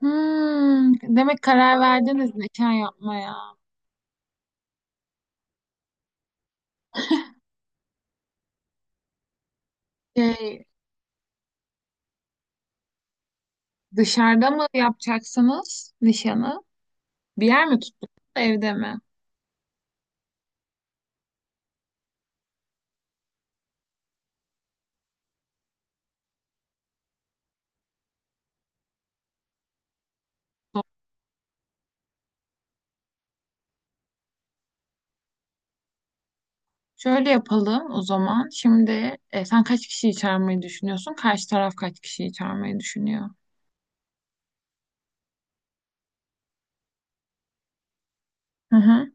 Hmm, demek karar verdiniz nişan yapmaya. Şey, dışarıda mı yapacaksınız nişanı? Bir yer mi tuttunuz, evde mi? Şöyle yapalım o zaman. Şimdi sen kaç kişiyi çağırmayı düşünüyorsun? Karşı taraf kaç kişiyi çağırmayı düşünüyor? Hı hı.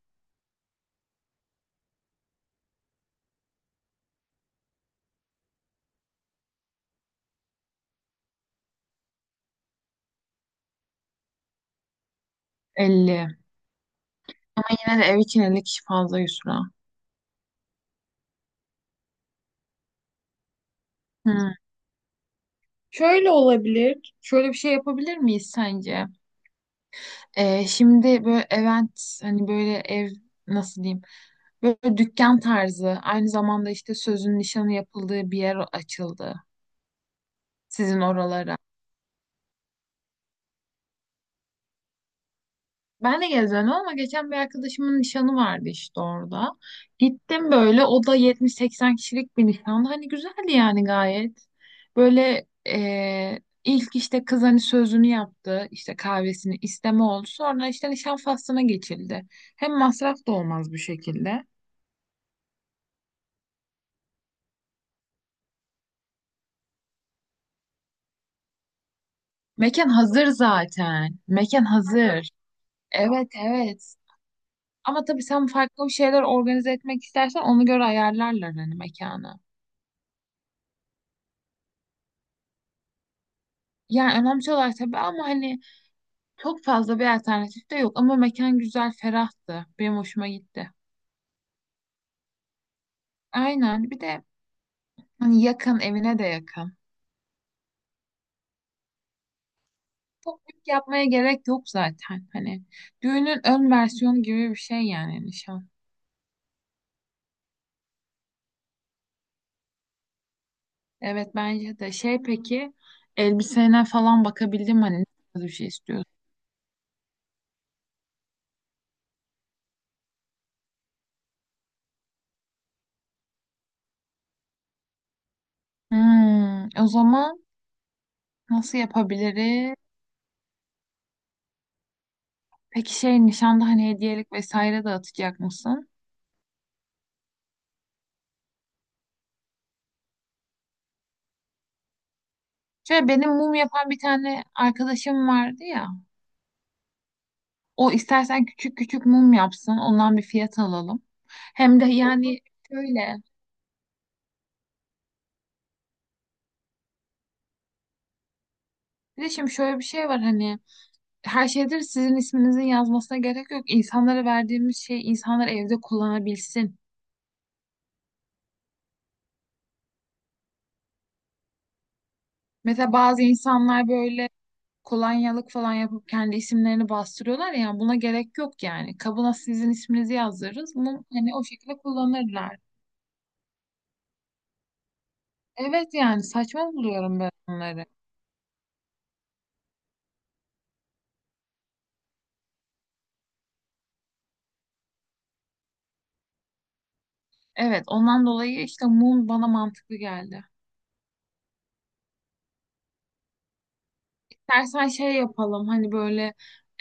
Elli. Yine de ev için 50 kişi fazla Yusra. Hı. Şöyle olabilir. Şöyle bir şey yapabilir miyiz sence? Şimdi böyle event, hani böyle ev nasıl diyeyim, böyle dükkan tarzı, aynı zamanda işte sözün nişanı yapıldığı bir yer açıldı sizin oralara. Ben de gezendim ama geçen bir arkadaşımın nişanı vardı işte orada. Gittim, böyle o da 70-80 kişilik bir nişandı. Hani güzeldi yani, gayet. Böyle ilk işte kız hani sözünü yaptı, işte kahvesini isteme oldu. Sonra işte nişan faslına geçildi. Hem masraf da olmaz bu şekilde. Mekan hazır zaten. Mekan hazır. Evet evet. Ama tabii sen farklı bir şeyler organize etmek istersen, ona göre ayarlarlar hani mekanı. Yani önemli olan tabii, ama hani çok fazla bir alternatif de yok. Ama mekan güzel, ferahtı. Benim hoşuma gitti. Aynen. Bir de hani yakın, evine de yakın. Çok büyük yapmaya gerek yok zaten. Hani düğünün ön versiyonu gibi bir şey yani nişan. Evet, bence de. Peki elbisene falan bakabildim hani, nasıl bir şey istiyorsun? Hmm, o zaman nasıl yapabiliriz? Peki nişanda hani hediyelik vesaire dağıtacak mısın? Şöyle, benim mum yapan bir tane arkadaşım vardı ya. O istersen küçük küçük mum yapsın. Ondan bir fiyat alalım. Hem de yani şöyle. Bir de şimdi şöyle bir şey var hani, her şeydir sizin isminizin yazmasına gerek yok. İnsanlara verdiğimiz şey insanlar evde kullanabilsin. Mesela bazı insanlar böyle kolonyalık falan yapıp kendi isimlerini bastırıyorlar ya, buna gerek yok yani. Kabına sizin isminizi yazdırırız. Bunu hani o şekilde kullanırlar. Evet, yani saçma buluyorum ben onları. Evet, ondan dolayı işte mum bana mantıklı geldi. İstersen şey yapalım hani böyle,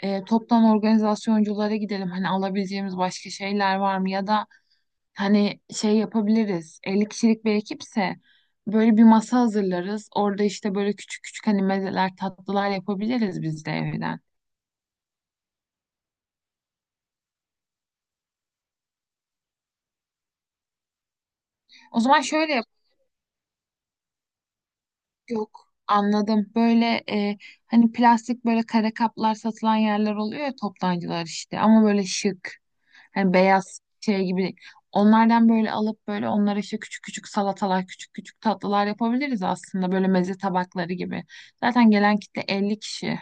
toptan organizasyonculara gidelim. Hani alabileceğimiz başka şeyler var mı? Ya da hani şey yapabiliriz. 50 kişilik bir ekipse böyle bir masa hazırlarız. Orada işte böyle küçük küçük hani mezeler, tatlılar yapabiliriz biz de evden. O zaman şöyle yap. Yok, anladım. Böyle hani plastik böyle kare kaplar satılan yerler oluyor ya, toptancılar işte. Ama böyle şık. Hani beyaz şey gibi. Onlardan böyle alıp böyle onlara işte küçük küçük salatalar, küçük küçük tatlılar yapabiliriz aslında. Böyle meze tabakları gibi. Zaten gelen kitle 50 kişi.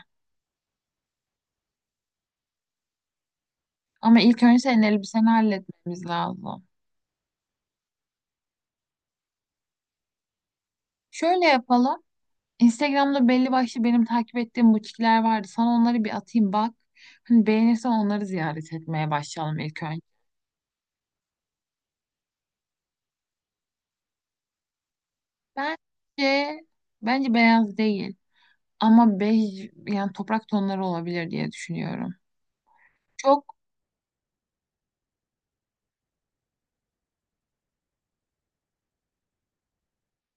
Ama ilk önce senin elbiseni halletmemiz lazım. Şöyle yapalım. Instagram'da belli başlı benim takip ettiğim butikler vardı. Sana onları bir atayım bak. Hani beğenirsen, onları ziyaret etmeye başlayalım ilk önce. Bence bence beyaz değil, ama bej yani toprak tonları olabilir diye düşünüyorum. Çok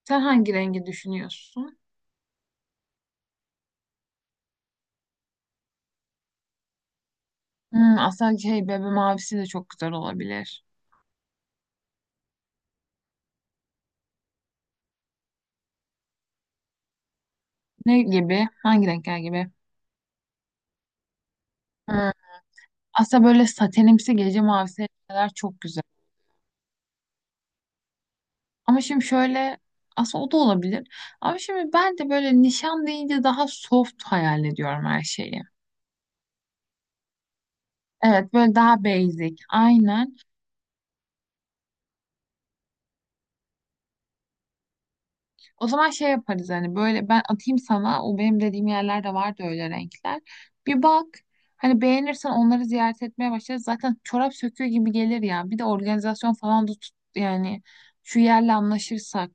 sen hangi rengi düşünüyorsun? Hmm, aslında bebe mavisi de çok güzel olabilir. Ne gibi? Hangi renkler gibi? Hmm, aslında böyle satenimsi gece mavisi renkler çok güzel. Ama şimdi şöyle, aslında o da olabilir. Ama şimdi ben de böyle nişan deyince daha soft hayal ediyorum her şeyi. Evet, böyle daha basic, aynen. O zaman şey yaparız hani, böyle ben atayım sana, o benim dediğim yerlerde vardı öyle renkler. Bir bak hani, beğenirsen onları ziyaret etmeye başlarız. Zaten çorap söküyor gibi gelir ya. Bir de organizasyon falan da tut yani, şu yerle anlaşırsak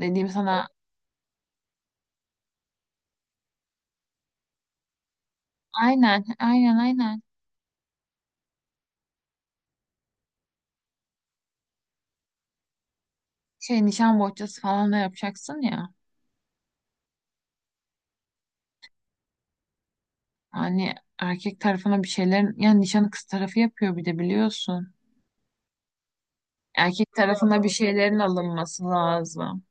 dediğim sana. Aynen, aynen, aynen. Nişan bohçası falan da yapacaksın ya. Hani erkek tarafına bir şeylerin, yani nişanı kız tarafı yapıyor bir de, biliyorsun. Erkek tarafına bir şeylerin alınması lazım.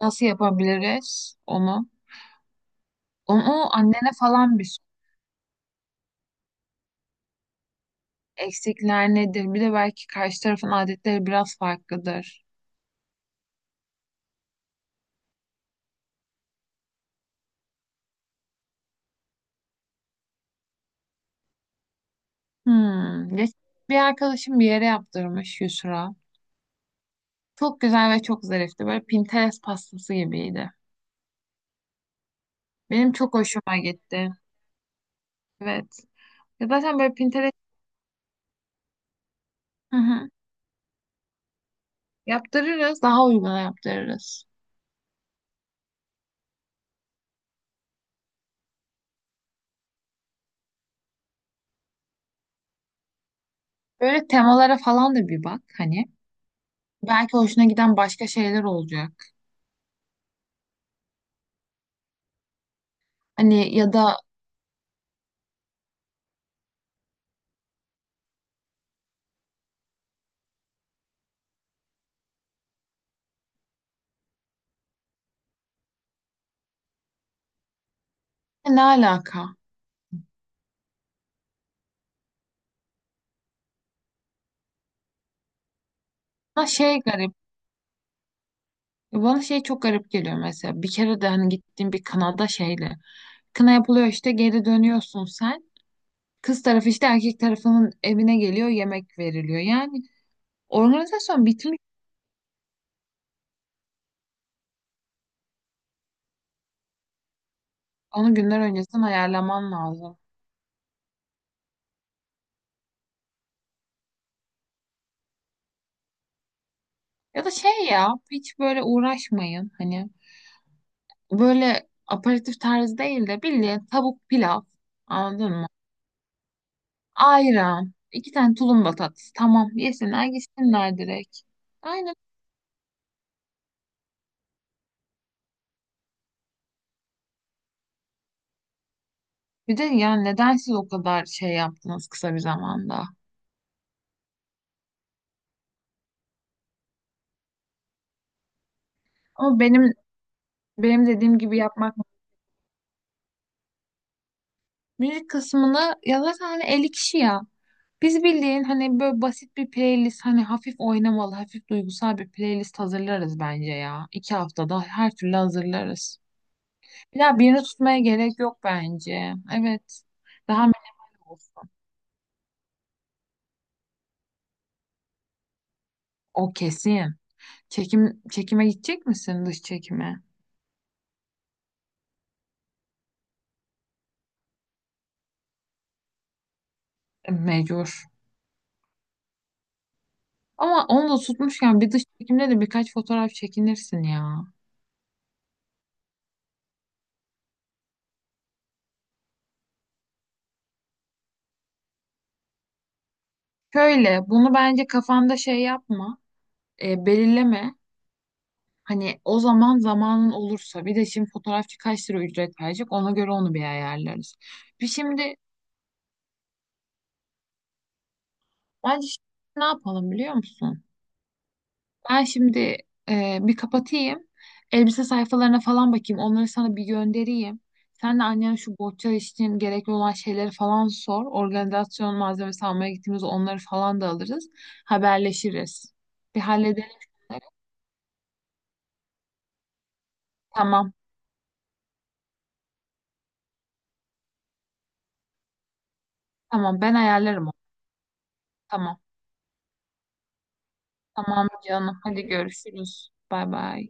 Nasıl yapabiliriz onu? Onu annene falan bir sor. Eksikler nedir? Bir de belki karşı tarafın adetleri biraz farklıdır. Hmm. Bir arkadaşım bir yere yaptırmış Yusra. Çok güzel ve çok zarifti. Böyle Pinterest pastası gibiydi. Benim çok hoşuma gitti. Evet. Ya zaten böyle Pinterest. Hı hı. Yaptırırız. Daha uyguna yaptırırız. Böyle temalara falan da bir bak hani. Belki hoşuna giden başka şeyler olacak. Hani, ya da ne alaka? Ha, garip. Bana çok garip geliyor mesela. Bir kere de hani gittiğim bir kınada şeyle. Kına yapılıyor, işte geri dönüyorsun sen. Kız tarafı işte erkek tarafının evine geliyor, yemek veriliyor. Yani organizasyon bitmiş. Onu günler öncesinden ayarlaman lazım. Ya da şey ya, hiç böyle uğraşmayın. Hani böyle aperatif tarzı değil de bildiğin tavuk pilav. Anladın mı? Ayran. İki tane tulumba tatlısı. Tamam, yesinler gitsinler direkt. Aynen. Bir de yani neden siz o kadar şey yaptınız kısa bir zamanda? Ama benim dediğim gibi yapmak. Müzik kısmını ya zaten hani 50 kişi ya. Biz bildiğin hani böyle basit bir playlist, hani hafif oynamalı, hafif duygusal bir playlist hazırlarız bence ya. 2 haftada her türlü hazırlarız. Ya birini tutmaya gerek yok bence. Evet. Daha minimal olsun. O kesin. Çekime gidecek misin, dış çekime? E, mecbur. Ama onu da tutmuşken bir dış çekimde de birkaç fotoğraf çekinirsin ya. Şöyle, bunu bence kafanda şey yapma, belirleme. Hani o zaman zamanın olursa, bir de şimdi fotoğrafçı kaç lira ücret verecek, ona göre onu bir ayarlarız. Bir şimdi bence şimdi ne yapalım biliyor musun? Ben şimdi bir kapatayım. Elbise sayfalarına falan bakayım. Onları sana bir göndereyim. Sen de annene şu bohça için gerekli olan şeyleri falan sor. Organizasyon malzemesi almaya gittiğimizde onları falan da alırız. Haberleşiriz. Bir halledelim şunları. Tamam. Tamam, ben ayarlarım onu. Tamam. Tamam canım. Hadi görüşürüz. Bay bay.